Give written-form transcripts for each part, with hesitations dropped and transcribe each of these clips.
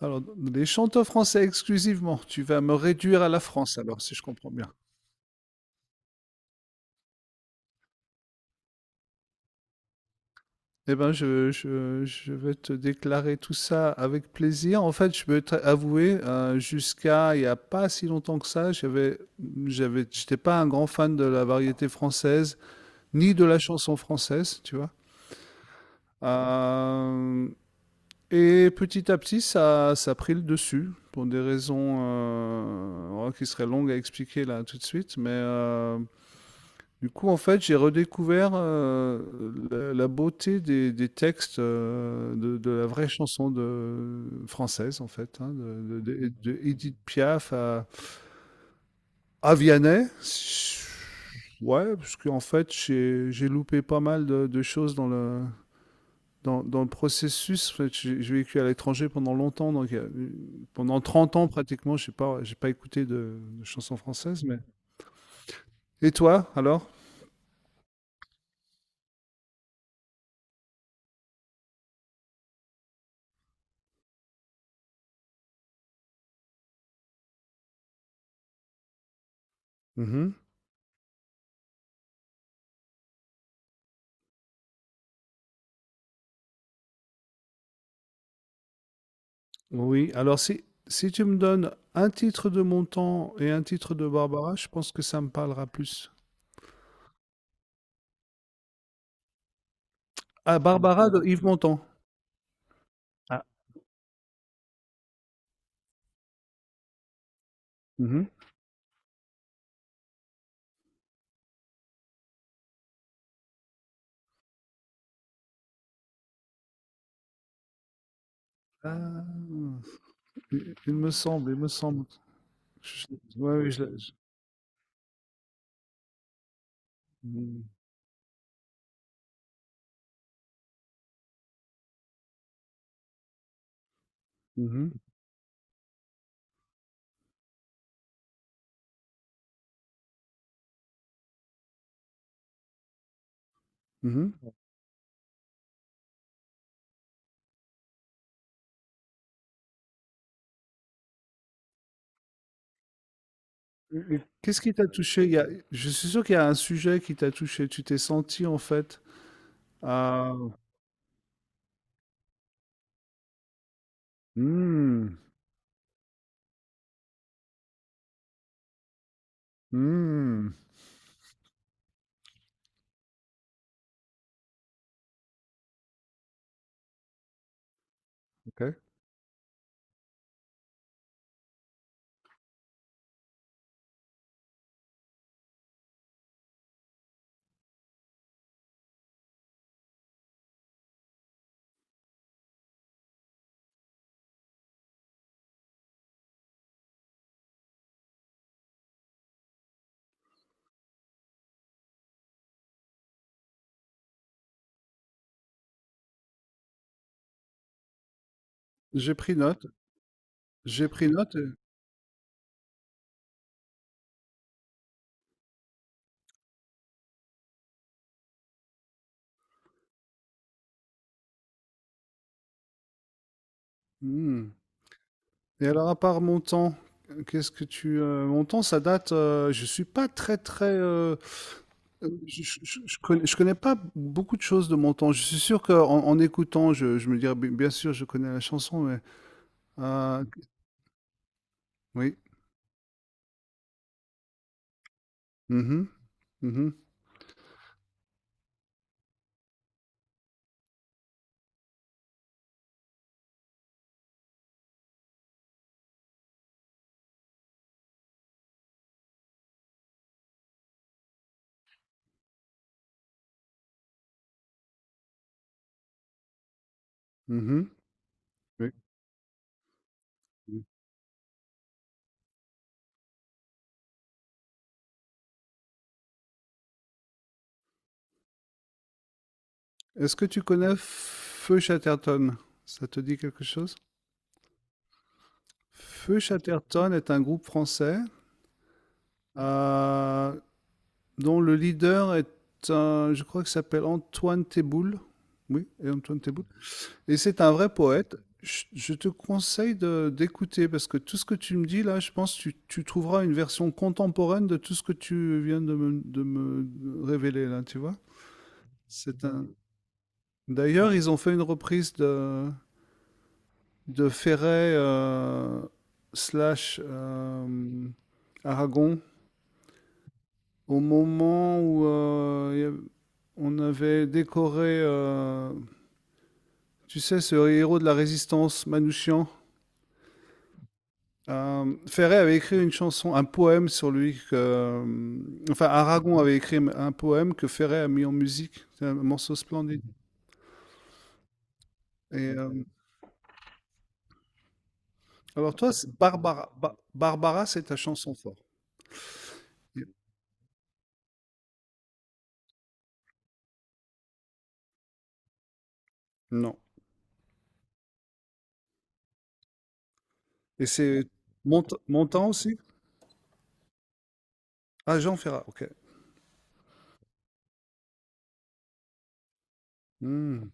Alors, les chanteurs français exclusivement, tu vas me réduire à la France alors, si je comprends bien. Eh ben, je vais te déclarer tout ça avec plaisir. En fait, je peux t'avouer, jusqu'à il n'y a pas si longtemps que ça, j'étais pas un grand fan de la variété française, ni de la chanson française, tu vois. Euh, et petit à petit, ça a pris le dessus, pour des raisons oh, qui seraient longues à expliquer là tout de suite, mais... Du coup, en fait, j'ai redécouvert la beauté des textes de la vraie chanson de, française, en fait, hein, de Édith Piaf à Vianney. Ouais, parce qu'en fait, j'ai loupé pas mal de choses dans le, dans le processus. En fait, j'ai vécu à l'étranger pendant longtemps, donc pendant 30 ans pratiquement, j'ai pas écouté de chansons françaises. Mais... Et toi, alors? Mhm. Oui, alors si, si tu me donnes un titre de Montand et un titre de Barbara, je pense que ça me parlera plus. Ah, Barbara de Yves Montand. Ah. Mhm. Ah, il me semble, il me semble. Je- ouais, oui, je l'ai- je- Mhm, mhm, mhm. Et qu'est-ce qui t'a touché? Il y a- je suis sûr qu'il y a un sujet qui t'a touché. Tu t'es senti en fait. Ah, hmm, hmm, ok. J'ai pris note. J'ai pris note, et- hmm. Et alors, à part mon temps, qu'est-ce que tu... mon temps, ça date... je suis pas très, très... je, je connais pas beaucoup de choses de mon temps. Je suis sûr qu'en en écoutant, je me dirais, bien sûr, je connais la chanson, mais... euh, oui. Mhm, mhm, mhm, oui. Oui. Est-ce que tu connais Feu Chatterton? Ça te dit quelque chose? Feu Chatterton est un groupe français. Euh, dont le leader est un, je crois qu'il s'appelle Antoine Teboul. Oui, et Antoine Teboul. Et c'est un vrai poète. Je te conseille d'écouter parce que tout ce que tu me dis là, je pense que tu trouveras une version contemporaine de tout ce que tu viens de me révéler là, tu vois. C'est un. D'ailleurs, ils ont fait une reprise de Ferret slash Aragon au moment où on avait décoré, tu sais, ce héros de la résistance, Manouchian. Ferré avait écrit une chanson, un poème sur lui. Que, enfin, Aragon avait écrit un poème que Ferré a mis en musique. C'est un morceau splendide. Et, euh, alors, toi, c'est Barbara, Barbara c'est ta chanson forte. Non. Et c'est Montan aussi. Ah, Jean Ferrat, ok. Hmm.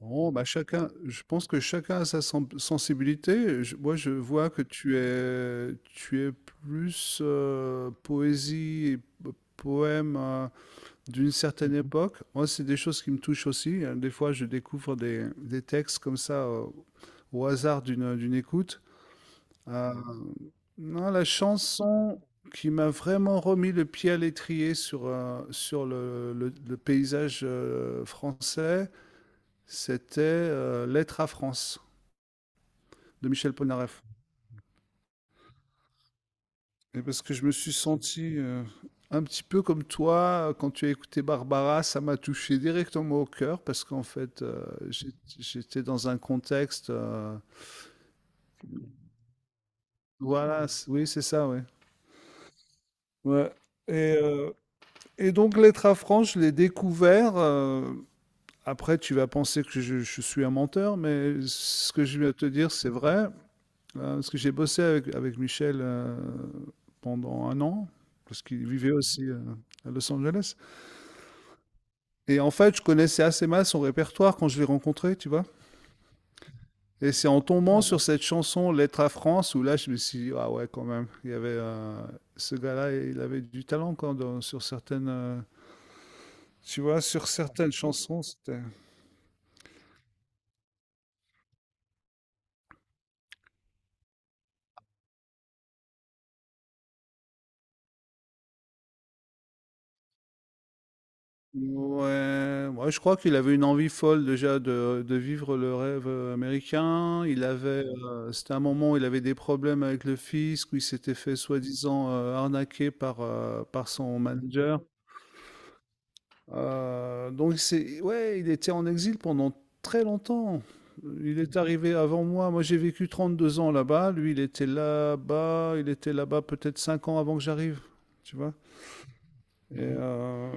Bon bah, chacun je pense que chacun a sa sensibilité. Je- moi, je vois que tu es plus poésie et poème d'une certaine mhm époque. Moi, c'est des choses qui me touchent aussi, hein. Des fois, je découvre des textes comme ça au hasard d'une écoute. Mhm. Non, la chanson qui m'a vraiment remis le pied à l'étrier sur, sur le, le paysage français, c'était Lettre à France de Michel Polnareff. Et parce que je me suis senti un petit peu comme toi, quand tu as écouté Barbara, ça m'a touché directement au cœur parce qu'en fait, j'étais dans un contexte. Voilà, c- oui, c'est ça, oui. Ouais. Et, euh, et donc, Lettre à France, je l'ai découvert. Après, tu vas penser que je suis un menteur, mais ce que je viens de te dire, c'est vrai. Parce que j'ai bossé avec, avec Michel pendant 1 an, parce qu'il vivait aussi à Los Angeles. Et en fait, je connaissais assez mal son répertoire quand je l'ai rencontré, tu vois. Et c'est en tombant sur cette chanson Lettre à France où là, je me suis dit, ah ouais, quand même, il y avait ce gars-là, il avait du talent quand, sur certaines, tu vois, sur certaines chansons, c'était. Ouais, je crois qu'il avait une envie folle déjà de vivre le rêve américain. Il avait, c'était un moment où il avait des problèmes avec le fisc, où il s'était fait soi-disant arnaquer par, par son manager. Donc c'est, ouais, il était en exil pendant très longtemps. Il est arrivé avant moi. Moi, j'ai vécu 32 ans là-bas. Lui, il était là-bas. Il était là-bas peut-être 5 ans avant que j'arrive. Tu vois? Et, euh,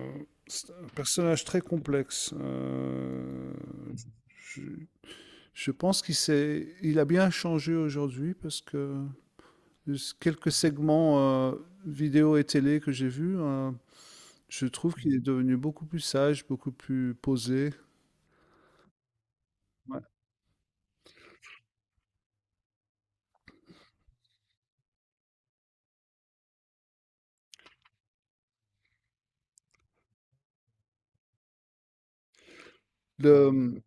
c'est un personnage très complexe. Je, je pense qu'il s'est, il a bien changé aujourd'hui parce que quelques segments vidéo et télé que j'ai vus, je trouve qu'il est devenu beaucoup plus sage, beaucoup plus posé. Ouais. Le,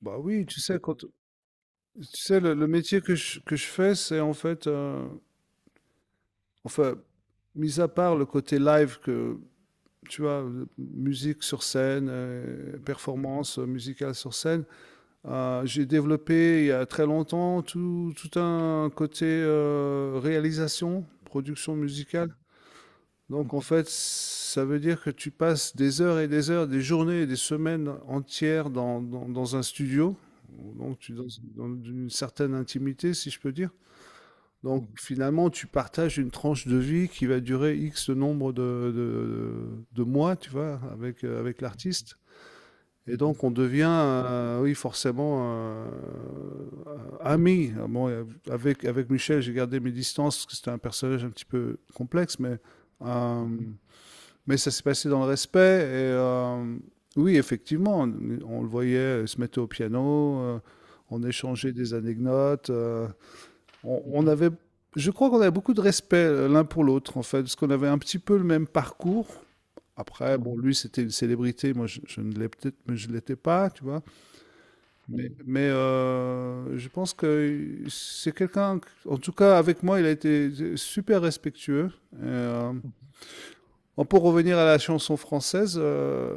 bah oui, tu sais, quand, tu sais, le métier que que je fais, c'est en fait, enfin, mis à part le côté live que tu vois, musique sur scène, performance musicale sur scène. J'ai développé il y a très longtemps tout, tout un côté réalisation, production musicale. Donc en fait, ça veut dire que tu passes des heures et des heures, des journées et des semaines entières dans, dans un studio, donc tu dans, dans une certaine intimité, si je peux dire. Donc finalement, tu partages une tranche de vie qui va durer X nombre de mois, tu vois, avec, avec l'artiste. Et donc on devient, oui, forcément euh, ami. Ah bon, avec, avec Michel, j'ai gardé mes distances parce que c'était un personnage un petit peu complexe, euh, mais ça s'est passé dans le respect. Oui, effectivement, on le voyait se mettre au piano, on échangeait des anecdotes. On avait, je crois qu'on avait beaucoup de respect l'un pour l'autre, en fait, parce qu'on avait un petit peu le même parcours. Après, bon, lui, c'était une célébrité, moi, je ne l'ai peut-être, mais je ne l'étais pas, tu vois. Mais, je pense que c'est quelqu'un, en tout cas, avec moi, il a été super respectueux. Et, euh, Bon, pour revenir à la chanson française,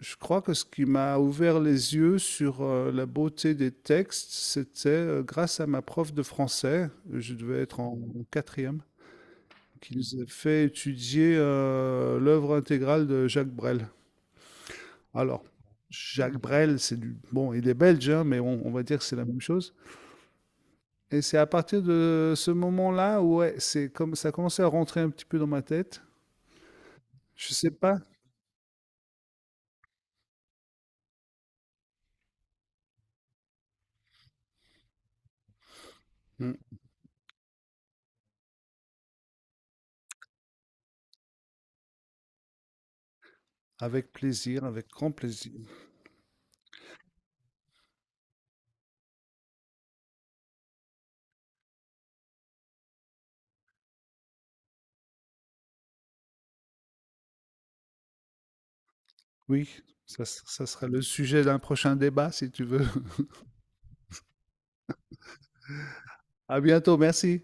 je crois que ce qui m'a ouvert les yeux sur la beauté des textes, c'était grâce à ma prof de français, je devais être en, en quatrième, qui nous a fait étudier l'œuvre intégrale de Jacques Brel. Alors, Jacques Brel, c'est du... Bon, il est belge, hein, mais on va dire que c'est la même chose. Et c'est à partir de ce moment-là où ouais, c'est comme ça a commencé à rentrer un petit peu dans ma tête. Je sais pas. Mm. Avec plaisir, avec grand plaisir. Oui, ça ça sera le sujet d'un prochain débat si tu veux. À bientôt, merci.